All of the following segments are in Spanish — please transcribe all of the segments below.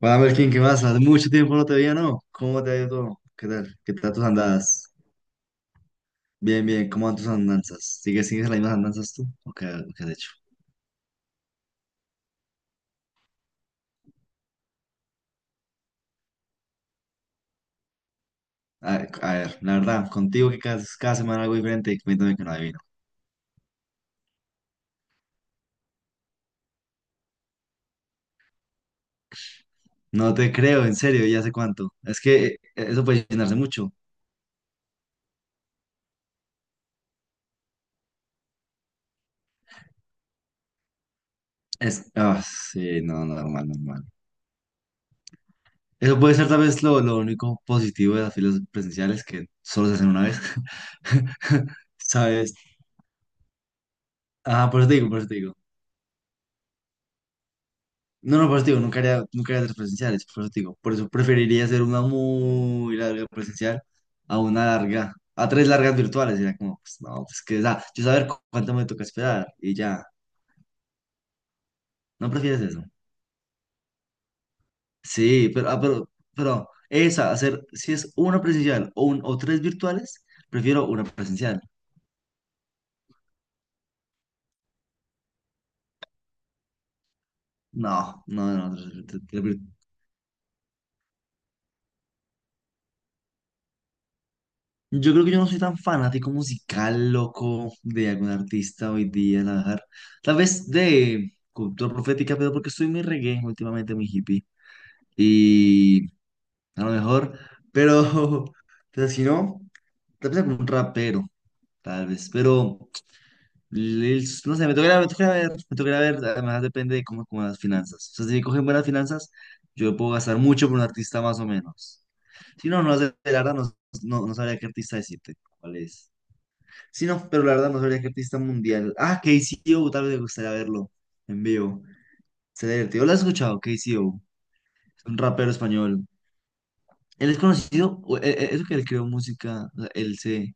Hola Melkin, ¿qué más? Hace mucho tiempo no te veía, ¿no? ¿Cómo te ha ido todo? ¿Qué tal? ¿Qué tal tus andadas? Bien, bien, ¿cómo van tus andanzas? ¿Sigues las mismas andanzas tú? ¿O qué has hecho? A, a ver, la verdad, contigo que cada semana algo diferente y cuéntame que no adivino. No te creo, en serio, ya sé cuánto. Es que eso puede llenarse mucho. Es, ah, sí, no, normal, normal. Eso puede ser tal vez lo único positivo de las filas presenciales que solo se hacen una vez. ¿Sabes? Ah, por eso te digo, por eso te digo. No, no, por eso te digo, nunca haría, nunca haría tres presenciales, por eso te digo. Por eso preferiría hacer una muy larga presencial a tres largas virtuales. Era como, pues no, pues que, o sea, yo saber cuánto me toca esperar y ya. ¿No prefieres eso? Sí, pero esa, hacer, si es una presencial o tres virtuales, prefiero una presencial. No, no, no, tres, yo creo que yo no soy tan fanático musical, loco, de algún artista hoy día, la verdad. Tal vez de cultura profética, pero porque estoy muy reggae últimamente, muy hippie. Y a lo mejor, pero, pero si no, tal vez algún rapero, tal vez. Pero, no sé, me toca ir a ver, además depende de cómo las finanzas. O sea, si me cogen buenas finanzas, yo puedo gastar mucho por un artista más o menos. Si no, no sé, la verdad, no, no, no sabría qué artista decirte, cuál es. Sí, no, pero la verdad no sabría qué artista mundial. Ah, KCO, tal vez me gustaría verlo en vivo. Sería divertido. ¿Lo has escuchado? KCO. Es un rapero español. Él es conocido, eso que él creó música, o sea, él se,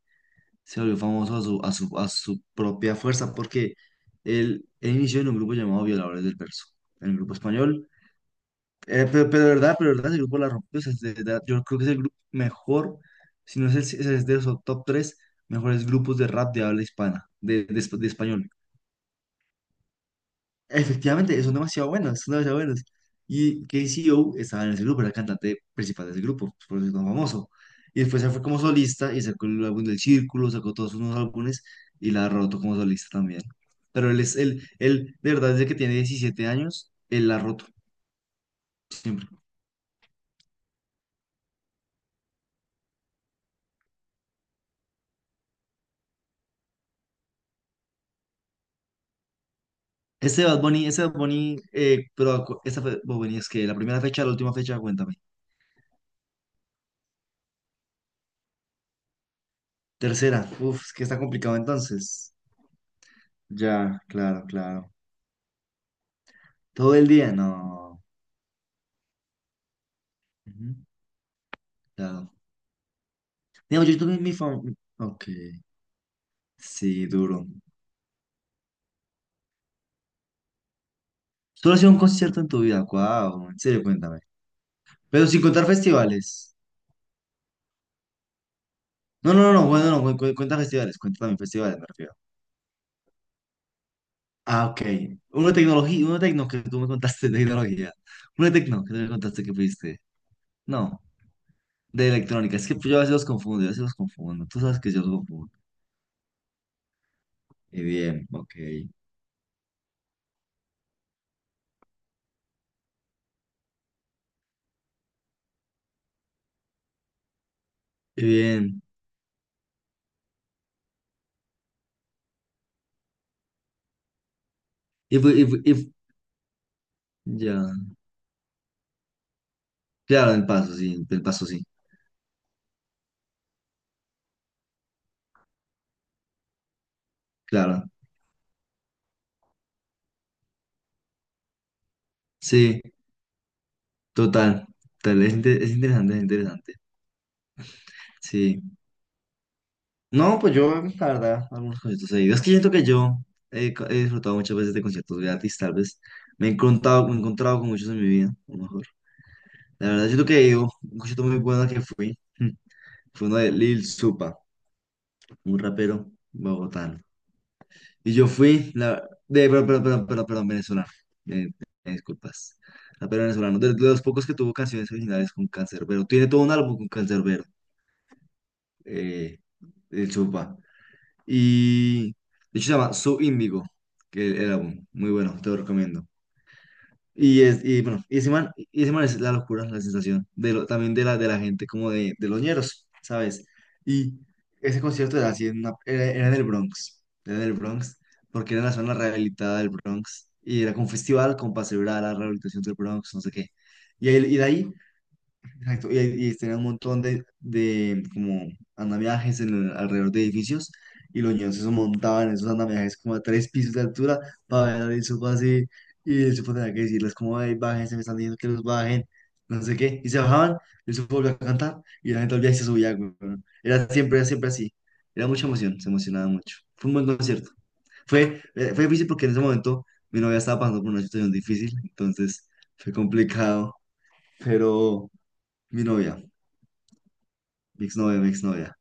se volvió famoso a su propia fuerza porque él inició en un grupo llamado Violadores del Verso, en el grupo español. Pero, de verdad, pero de verdad, ese grupo la rompió. O sea, de verdad, yo creo que es el grupo mejor, si no es, es de los top 3 mejores grupos de rap de habla hispana, de español. Efectivamente, son demasiado buenas, son demasiado buenas. Y KCO estaba en ese grupo, era el cantante principal de ese grupo, por eso es tan famoso. Y después se fue como solista y sacó el álbum del Círculo, sacó todos sus nuevos álbumes y la ha roto como solista también. Pero él, de verdad, desde que tiene 17 años, él la ha roto. Bad Bunny es que la primera fecha, la última fecha, cuéntame. Tercera, uff, es que está complicado entonces. Ya, claro, claro. Todo el día, no. Ujú. Claro. Digamos, yo tuve mi favor. Ok, sí, duro. Solo ha sido un concierto en tu vida, wow, en serio, cuéntame. Pero sin contar festivales. No, no, no, no, bueno, no, cuenta festivales, cuenta también festivales, me refiero. Ah, ok. Uno de tecnología, uno de tecno que tú me contaste de tecnología. Uno de tecno que tú me contaste que fuiste. No, de electrónica. Es que yo a veces los confundo, yo a veces los confundo. Tú sabes que yo los confundo. Y bien, ok. Y bien. Y, fu- y, fu- y fu- ya. Claro, el paso, sí, el paso, sí. Claro. Sí. Total, total, es interesante, es interesante. Sí. No, pues yo, la verdad, algunos conciertos he ido. Es que siento que yo he disfrutado muchas veces de conciertos gratis, tal vez. Me he encontrado con muchos en mi vida, a lo mejor. La verdad, siento que he ido, a un concierto muy bueno que fui, fue uno de Lil Supa, un rapero bogotano. Y yo fui, la, de, pero, perdón, venezolano. Eh, Disculpas. Rapero venezolano, de los pocos que tuvo canciones originales con Canserbero. Tiene todo un álbum con Canserbero. eh, el Chupa. Y de hecho se llama Sub Índigo, que el álbum. Muy bueno, te lo recomiendo. Y bueno, y ese man es la locura, la sensación también de la gente, como de los ñeros, ¿sabes? Y ese concierto era así, era en el Bronx, era en el Bronx, porque era la zona rehabilitada del Bronx. Y era como un festival con pase a la rehabilitación del Bronx, no sé qué. Y, ahí- y de ahí Exacto, y tenía un montón de como andamiajes alrededor de edificios y los niños se montaban en esos andamiajes como a tres pisos de altura para ver al Isopo así y el Isopo tenía que decirles como, ay, bájense, me están diciendo que los bajen, no sé qué, y se bajaban, el Isopo volvió a cantar y la gente volvía y se subía, güey, ¿no? Era siempre así, era mucha emoción, se emocionaba mucho, fue un buen concierto, fue difícil porque en ese momento mi novia estaba pasando por una situación difícil, entonces fue complicado, pero mi novia. Exnovia, novia exnovia. Novia,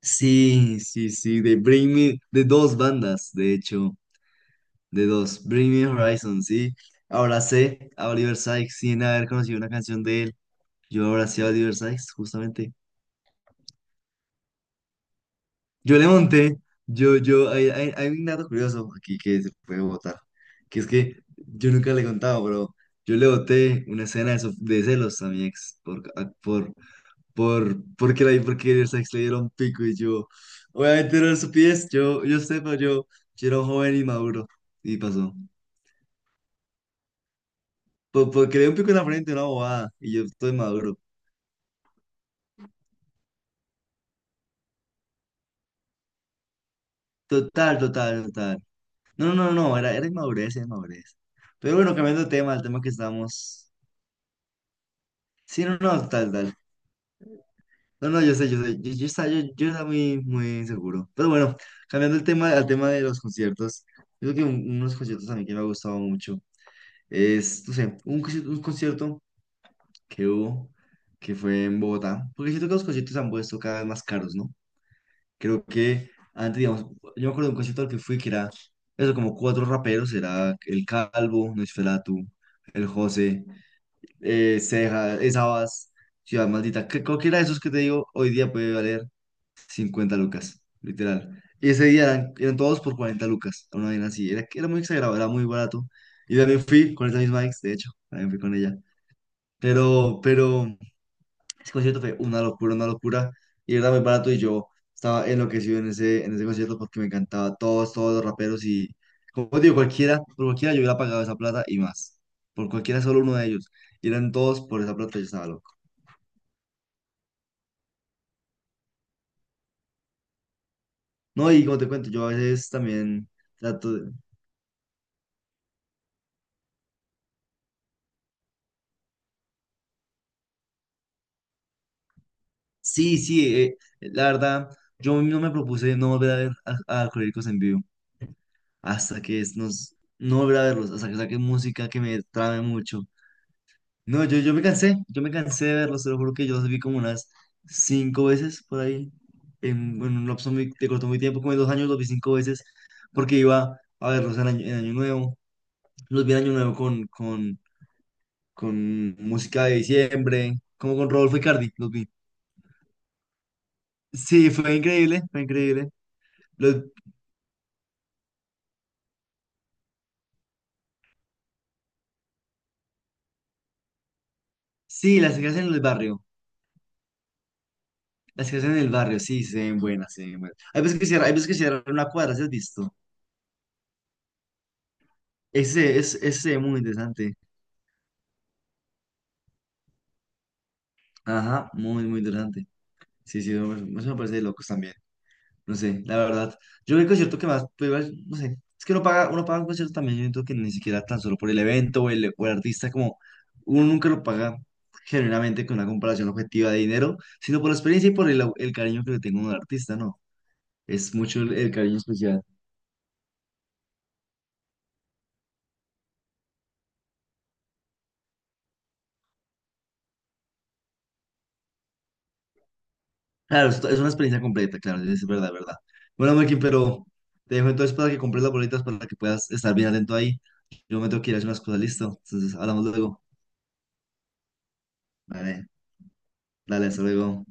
sí, sí, sí, sí, de Bring Me, de dos bandas, de hecho, de dos. Bring Me Horizon, sí. Abracé a Oliver Sykes sin haber conocido una canción de él. Yo abracé a Oliver Sykes, justamente. Yo le monté, yo, hay un dato curioso aquí que se puede votar, que es que yo nunca le he contado, pero yo le boté una escena de celos a mi ex por a- por, por, porque la por porque Sykes le dieron pico y yo, obviamente no su pies, yo sé, pero yo era un joven y maduro y pasó. Porque le un pico en la frente, una bobada, y yo estoy maduro. Total, total, total. No, no, no, no, era inmadurez, era inmadurez. Pero bueno, cambiando de tema, el tema que estamos. Sí, no, no, tal, tal. No, no, yo sé, yo sé, yo estaba muy, muy seguro. Pero bueno, cambiando el tema, al tema de los conciertos, yo creo que unos conciertos a mí que me ha gustado mucho. Es, no sé, un concierto, que hubo, que fue en Bogotá. Porque siento que los conciertos se han puesto cada vez más caros, ¿no? Creo que antes, digamos, yo me acuerdo de un concierto al que fui que era, eso, como cuatro raperos, era El Calvo, Nosferatu, El José, Ceja, Sabas, Ciudad Maldita, que cualquiera de esos que te digo, hoy día puede valer 50 lucas, literal. Y ese día eran todos por 40 lucas, una vaina así, era muy exagerado, era muy barato. Y también fui con esa misma ex, de hecho, también fui con ella. Pero, pero... Ese concierto fue una locura, una locura. Y era muy barato y yo estaba enloquecido en ese concierto porque me encantaba todos los raperos y, como digo, cualquiera, por cualquiera yo hubiera pagado esa plata y más. Por cualquiera, solo uno de ellos. Y eran todos por esa plata, yo estaba loco. No, y como te cuento, yo a veces también trato de... Sí, sí, la verdad, yo no me propuse no volver a ver a, Alcohólicos en vivo hasta que No volver a verlos, hasta que saquen música que me trame mucho. No, yo me cansé, yo me cansé de verlos, te lo juro que yo los vi como unas cinco veces por ahí, en un lapso muy, te cortó muy tiempo, como de 2 años los vi cinco veces, porque iba a verlos en Año Nuevo, los vi en Año Nuevo con música de diciembre, como con Rodolfo Icardi, los vi. Sí, fue increíble, fue increíble. Los, sí, las que hacen en el barrio, las que hacen en el barrio, sí, se ven buenas, se ven buenas. Hay veces que cierran, hay veces que cierran una cuadra, ¿sí has visto? Ese muy interesante. Ajá, muy, muy interesante. Sí, sí, no, eso me parece de locos también. No sé, la verdad. Yo el concierto que más, pues, igual, no sé, es que uno paga un concierto también, yo siento que ni siquiera tan solo por el evento o o el artista, como uno nunca lo paga generalmente con una comparación objetiva de dinero, sino por la experiencia y por el cariño que le tengo a un artista, ¿no? Es mucho el cariño especial. Claro, es una experiencia completa, claro, es verdad, verdad. Bueno, Melkin, pero te dejo entonces para que compres las boletas para que puedas estar bien atento ahí. Yo me tengo que ir a hacer unas cosas, listo. Entonces, hablamos luego. Vale, dale, hasta luego.